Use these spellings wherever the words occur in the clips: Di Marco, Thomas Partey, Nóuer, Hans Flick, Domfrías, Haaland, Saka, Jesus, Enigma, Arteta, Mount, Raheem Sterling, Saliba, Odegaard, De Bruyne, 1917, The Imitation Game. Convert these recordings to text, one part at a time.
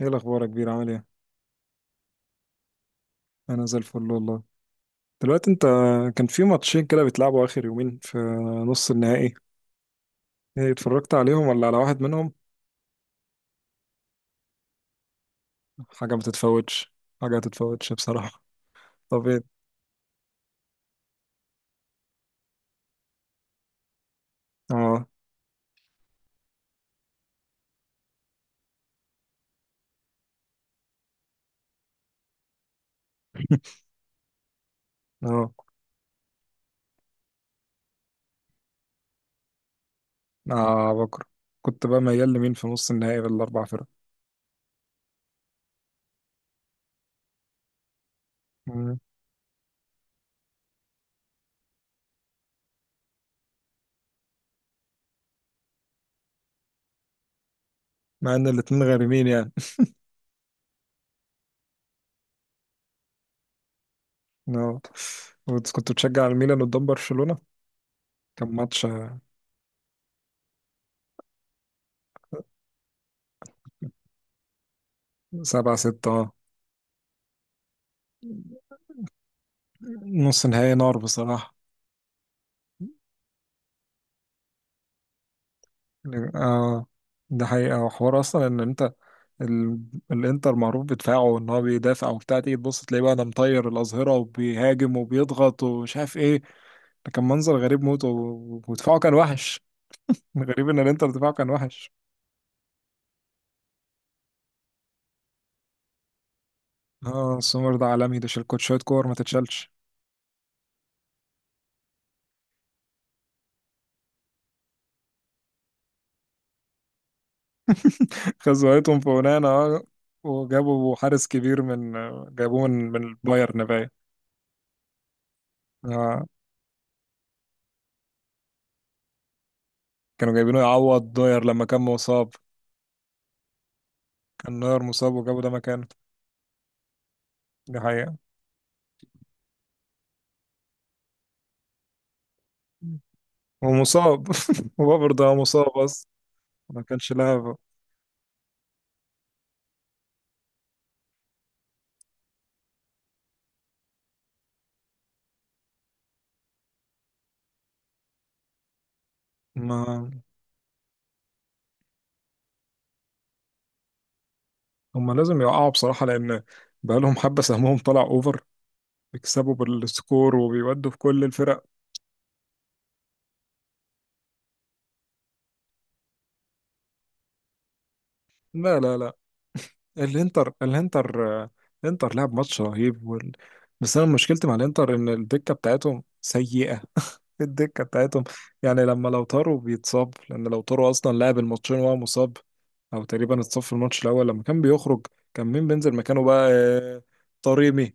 ايه الاخبار يا كبير، عامل ايه؟ انا زي الفل والله. دلوقتي انت، كان في ماتشين كده بيتلعبوا اخر يومين في نص النهائي. ايه، اتفرجت عليهم ولا على واحد منهم؟ حاجه ما تتفوتش، حاجه ما تتفوتش بصراحه. طب ايه؟ اه، اه، اه. بكره كنت بقى ميال لمين في نص النهائي بالاربع فرق؟ مم. مع ان الاتنين غارمين يعني. اه. كنت بتشجع الميلان قدام برشلونه؟ كان ماتش 7-6، اه، نص نهائي نار بصراحه. اه، ده حقيقة، وحوار أصلا إن أنت ال... الانتر معروف بدفاعه، ان هو بيدافع وبتاع، تيجي تبص تلاقيه بقى ده مطير الاظهره وبيهاجم وبيضغط ومش عارف ايه. ده كان منظر غريب موت، ودفاعه كان وحش. غريب ان الانتر دفاعه كان وحش. اه، سومر ده عالمي، ده شال كوت شويه كور ما تتشالش. خزويتهم في ونانا، اه، وجابوا حارس كبير من، جابوه من البايرن باين. اه، كانوا جايبينه يعوض داير لما كان مصاب. كان نوير مصاب وجابوا ده مكانه. دي حقيقة. ومصاب. وبرضه هو برضه مصاب. ما كانش لها. ما هم لازم يقعوا بصراحة، لأن بقالهم حبة سهمهم طلع أوفر، بيكسبوا بالسكور وبيودوا في كل الفرق. لا، لا، لا. الإنتر الإنتر آه، الإنتر لعب ماتش رهيب، بس أنا مشكلتي مع الإنتر إن الدكة بتاعتهم سيئة. الدكة بتاعتهم، يعني لما لو طاروا بيتصاب، لأن لو طاروا أصلا لعب الماتشين وهو مصاب، أو تقريبا اتصاب في الماتش الأول لما كان بيخرج. كان مين بينزل مكانه بقى؟ طريمي.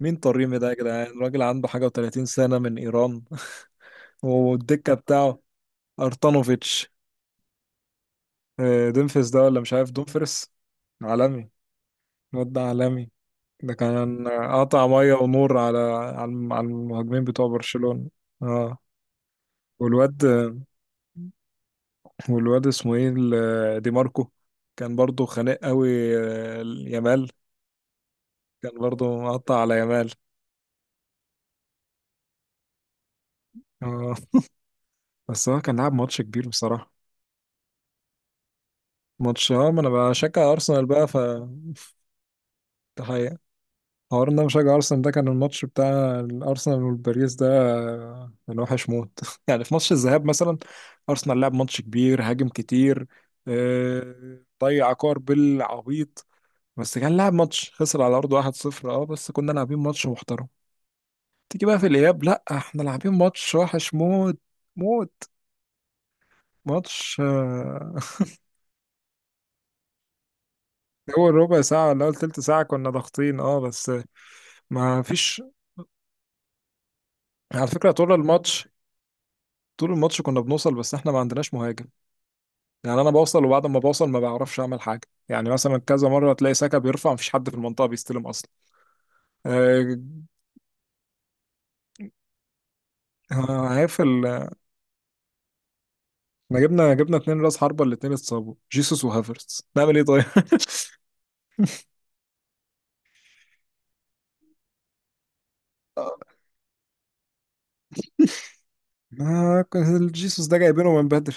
مين طريمي ده يا جدعان؟ راجل عنده حاجة و30 سنة من إيران. والدكة بتاعه، أرتانوفيتش. دومفريس ده، ولا مش عارف، دومفريس عالمي، الواد ده عالمي. ده كان قطع مية ونور، على المهاجمين بتوع برشلونة. اه. والواد والواد اسمه ايه، دي ماركو، كان برضه خانق قوي، يامال، كان برضه مقطع على يامال. اه، بس هو كان لعب ماتش كبير بصراحة. ماتش، اه. ما انا بشجع ارسنال بقى، ف حوار ان انا مشجع ارسنال. ده كان الماتش بتاع الارسنال والباريس ده، كان وحش موت. يعني في ماتش الذهاب مثلا ارسنال لعب ماتش كبير، هاجم كتير، ضيع كور بالعبيط، بس كان لعب ماتش، خسر على ارضه 1-0، اه، بس كنا لاعبين ماتش محترم. تيجي بقى في الاياب، لا احنا لاعبين ماتش وحش موت، موت. ماتش اول ربع ساعه ولا اول تلت ساعه كنا ضاغطين، اه، بس ما فيش. على فكره طول الماتش، طول الماتش كنا بنوصل، بس احنا ما عندناش مهاجم. يعني انا بوصل، وبعد ما بوصل ما بعرفش اعمل حاجه. يعني مثلا كذا مره تلاقي سكه بيرفع، مفيش حد في المنطقه بيستلم اصلا. آه، هيفل، احنا جبنا اتنين راس حربه، الاتنين اتصابوا، جيسوس وهافرتز، نعمل ايه طيب؟ ما كان جيسوس ده جايبينه من بدري.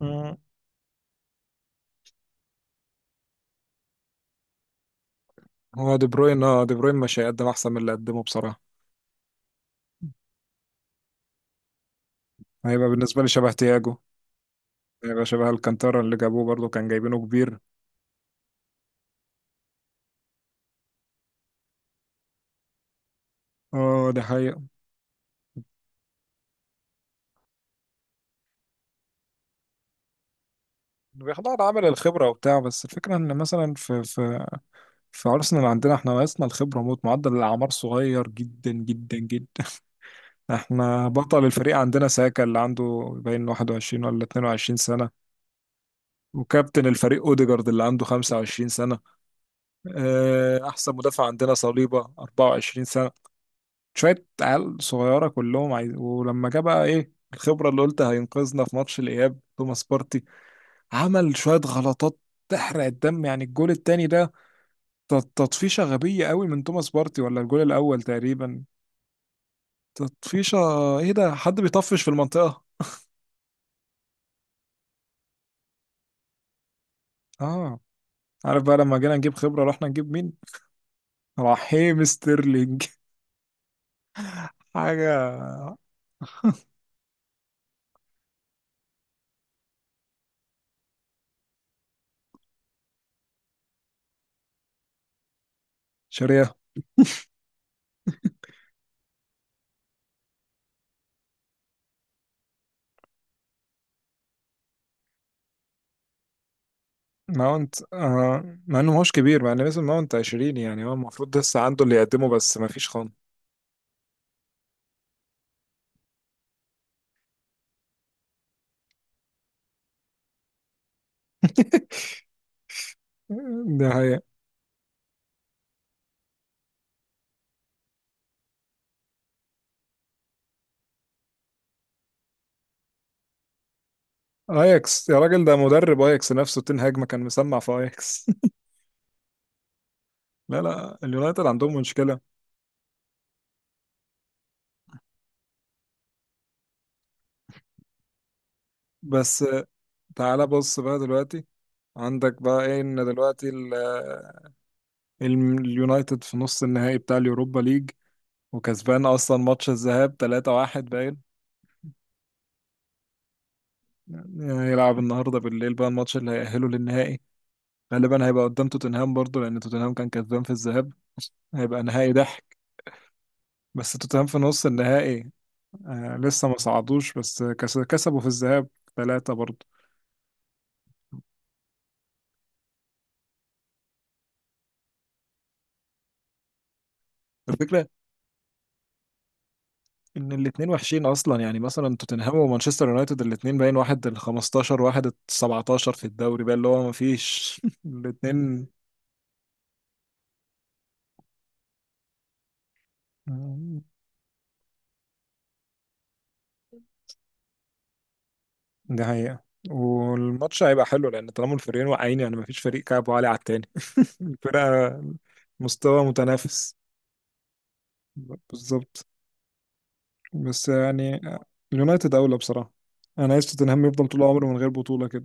مم. هو دي بروين، اه، دي بروين مش هيقدم احسن من اللي قدمه بصراحه. هيبقى بالنسبه لي شبه تياجو، هيبقى شبه الكانتارا اللي جابوه، برضه كان جايبينه كبير. اه، ده حقيقة. بياخدوا على عامل الخبرة وبتاع، بس الفكرة ان مثلا في أرسنال، عندنا احنا ناقصنا الخبرة موت، معدل الأعمار صغير جدا جدا جدا. احنا بطل الفريق عندنا ساكا، اللي عنده باين 21 ولا 22 سنة. وكابتن الفريق اوديجارد اللي عنده 25 سنة. اه، أحسن مدافع عندنا صليبة 24 سنة. شوية عيال صغيرة كلهم عايز... ولما جه بقى ايه الخبرة اللي قلت هينقذنا في ماتش الإياب؟ توماس بارتي عمل شوية غلطات تحرق الدم، يعني الجول التاني ده، تطفيشة غبية قوي من توماس بارتي، ولا الجول الأول تقريبا، تطفيشة. ايه ده، حد بيطفش في المنطقة؟ اه. عارف بقى لما جينا نجيب خبرة رحنا نجيب مين؟ رحيم ستيرلينج. حاجة شريعة. ماونت، مع انه ماهوش كبير، مع ان لسه ماونت 20، يعني هو المفروض لسه عنده اللي يقدمه، بس مفيش خان. ده هي. اياكس يا راجل، ده مدرب اياكس نفسه تنهاج كان مسمع في اياكس. لا، لا، اليونايتد عندهم مشكلة. بس تعالى بص بقى دلوقتي، عندك بقى ايه ان دلوقتي اليونايتد في نص النهائي بتاع اليوروبا ليج، وكسبان اصلا ماتش الذهاب 3-1 باين. يعني هيلعب النهارده بالليل بقى الماتش اللي هيأهله للنهائي. غالبا هيبقى قدام توتنهام برضه، لان توتنهام كان كسبان في الذهاب. هيبقى نهائي ضحك. بس توتنهام في نص النهائي آه، لسه ما صعدوش، بس كسبوا في الذهاب ثلاثة برضه. الفكرة ان الاتنين وحشين اصلا، يعني مثلا توتنهام ومانشستر يونايتد الاتنين باين، واحد ال 15 واحد ال 17 في الدوري بقى، اللي هو ما فيش. الاتنين، دي حقيقة. والماتش هيبقى حلو، لأن طالما الفريقين واقعين، يعني مفيش فريق كعبه عالي على التاني. الفرقة، مستوى متنافس، بالظبط. بس يعني اليونايتد أولى بصراحة. أنا عايز توتنهام يفضل طول عمره من غير بطولة كده.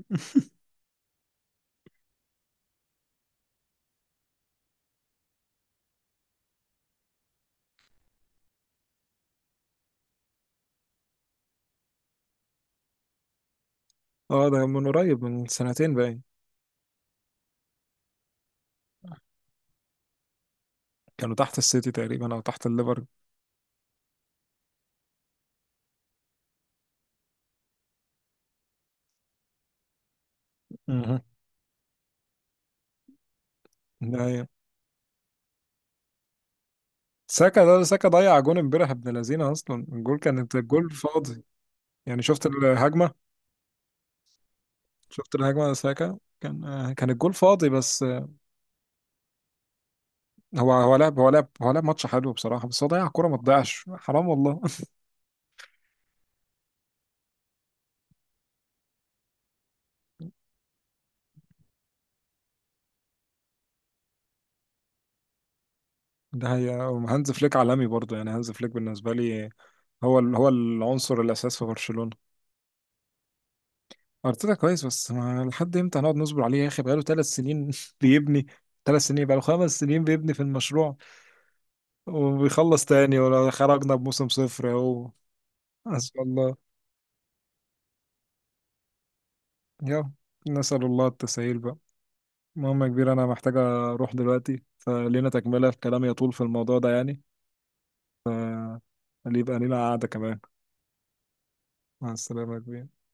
اه، ده من قريب، من سنتين باين، كانوا تحت السيتي تقريبا أو تحت الليفر. مهم. ده هي. ساكا ده، ساكا ضيع جون امبارح، ابن لذينه، أصلا الجول كانت الجول فاضي. يعني شفت الهجمة؟ شفت الهجمة، ساكا كان الجول فاضي بس. هو لعب ماتش حلو بصراحة، بس هو ضيع كورة ما تضيعش، حرام والله. ده هي. هانز فليك عالمي برضه، يعني هانز فليك بالنسبة لي هو هو العنصر الأساس في برشلونة. أرتيتا كويس، بس ما لحد إمتى هنقعد نصبر عليه يا أخي؟ بقاله ثلاث سنين بيبني. ثلاث سنين، بقاله خمس سنين بيبني في المشروع، وبيخلص تاني ولا خرجنا بموسم صفر أهو. أسأل الله، يا، نسأل الله التسهيل بقى. المهم يا كبير، أنا محتاج أروح دلوقتي، فلينا تكملة الكلام يطول في الموضوع ده يعني. اللي يبقى لينا قعدة كمان. مع السلامة يا كبير.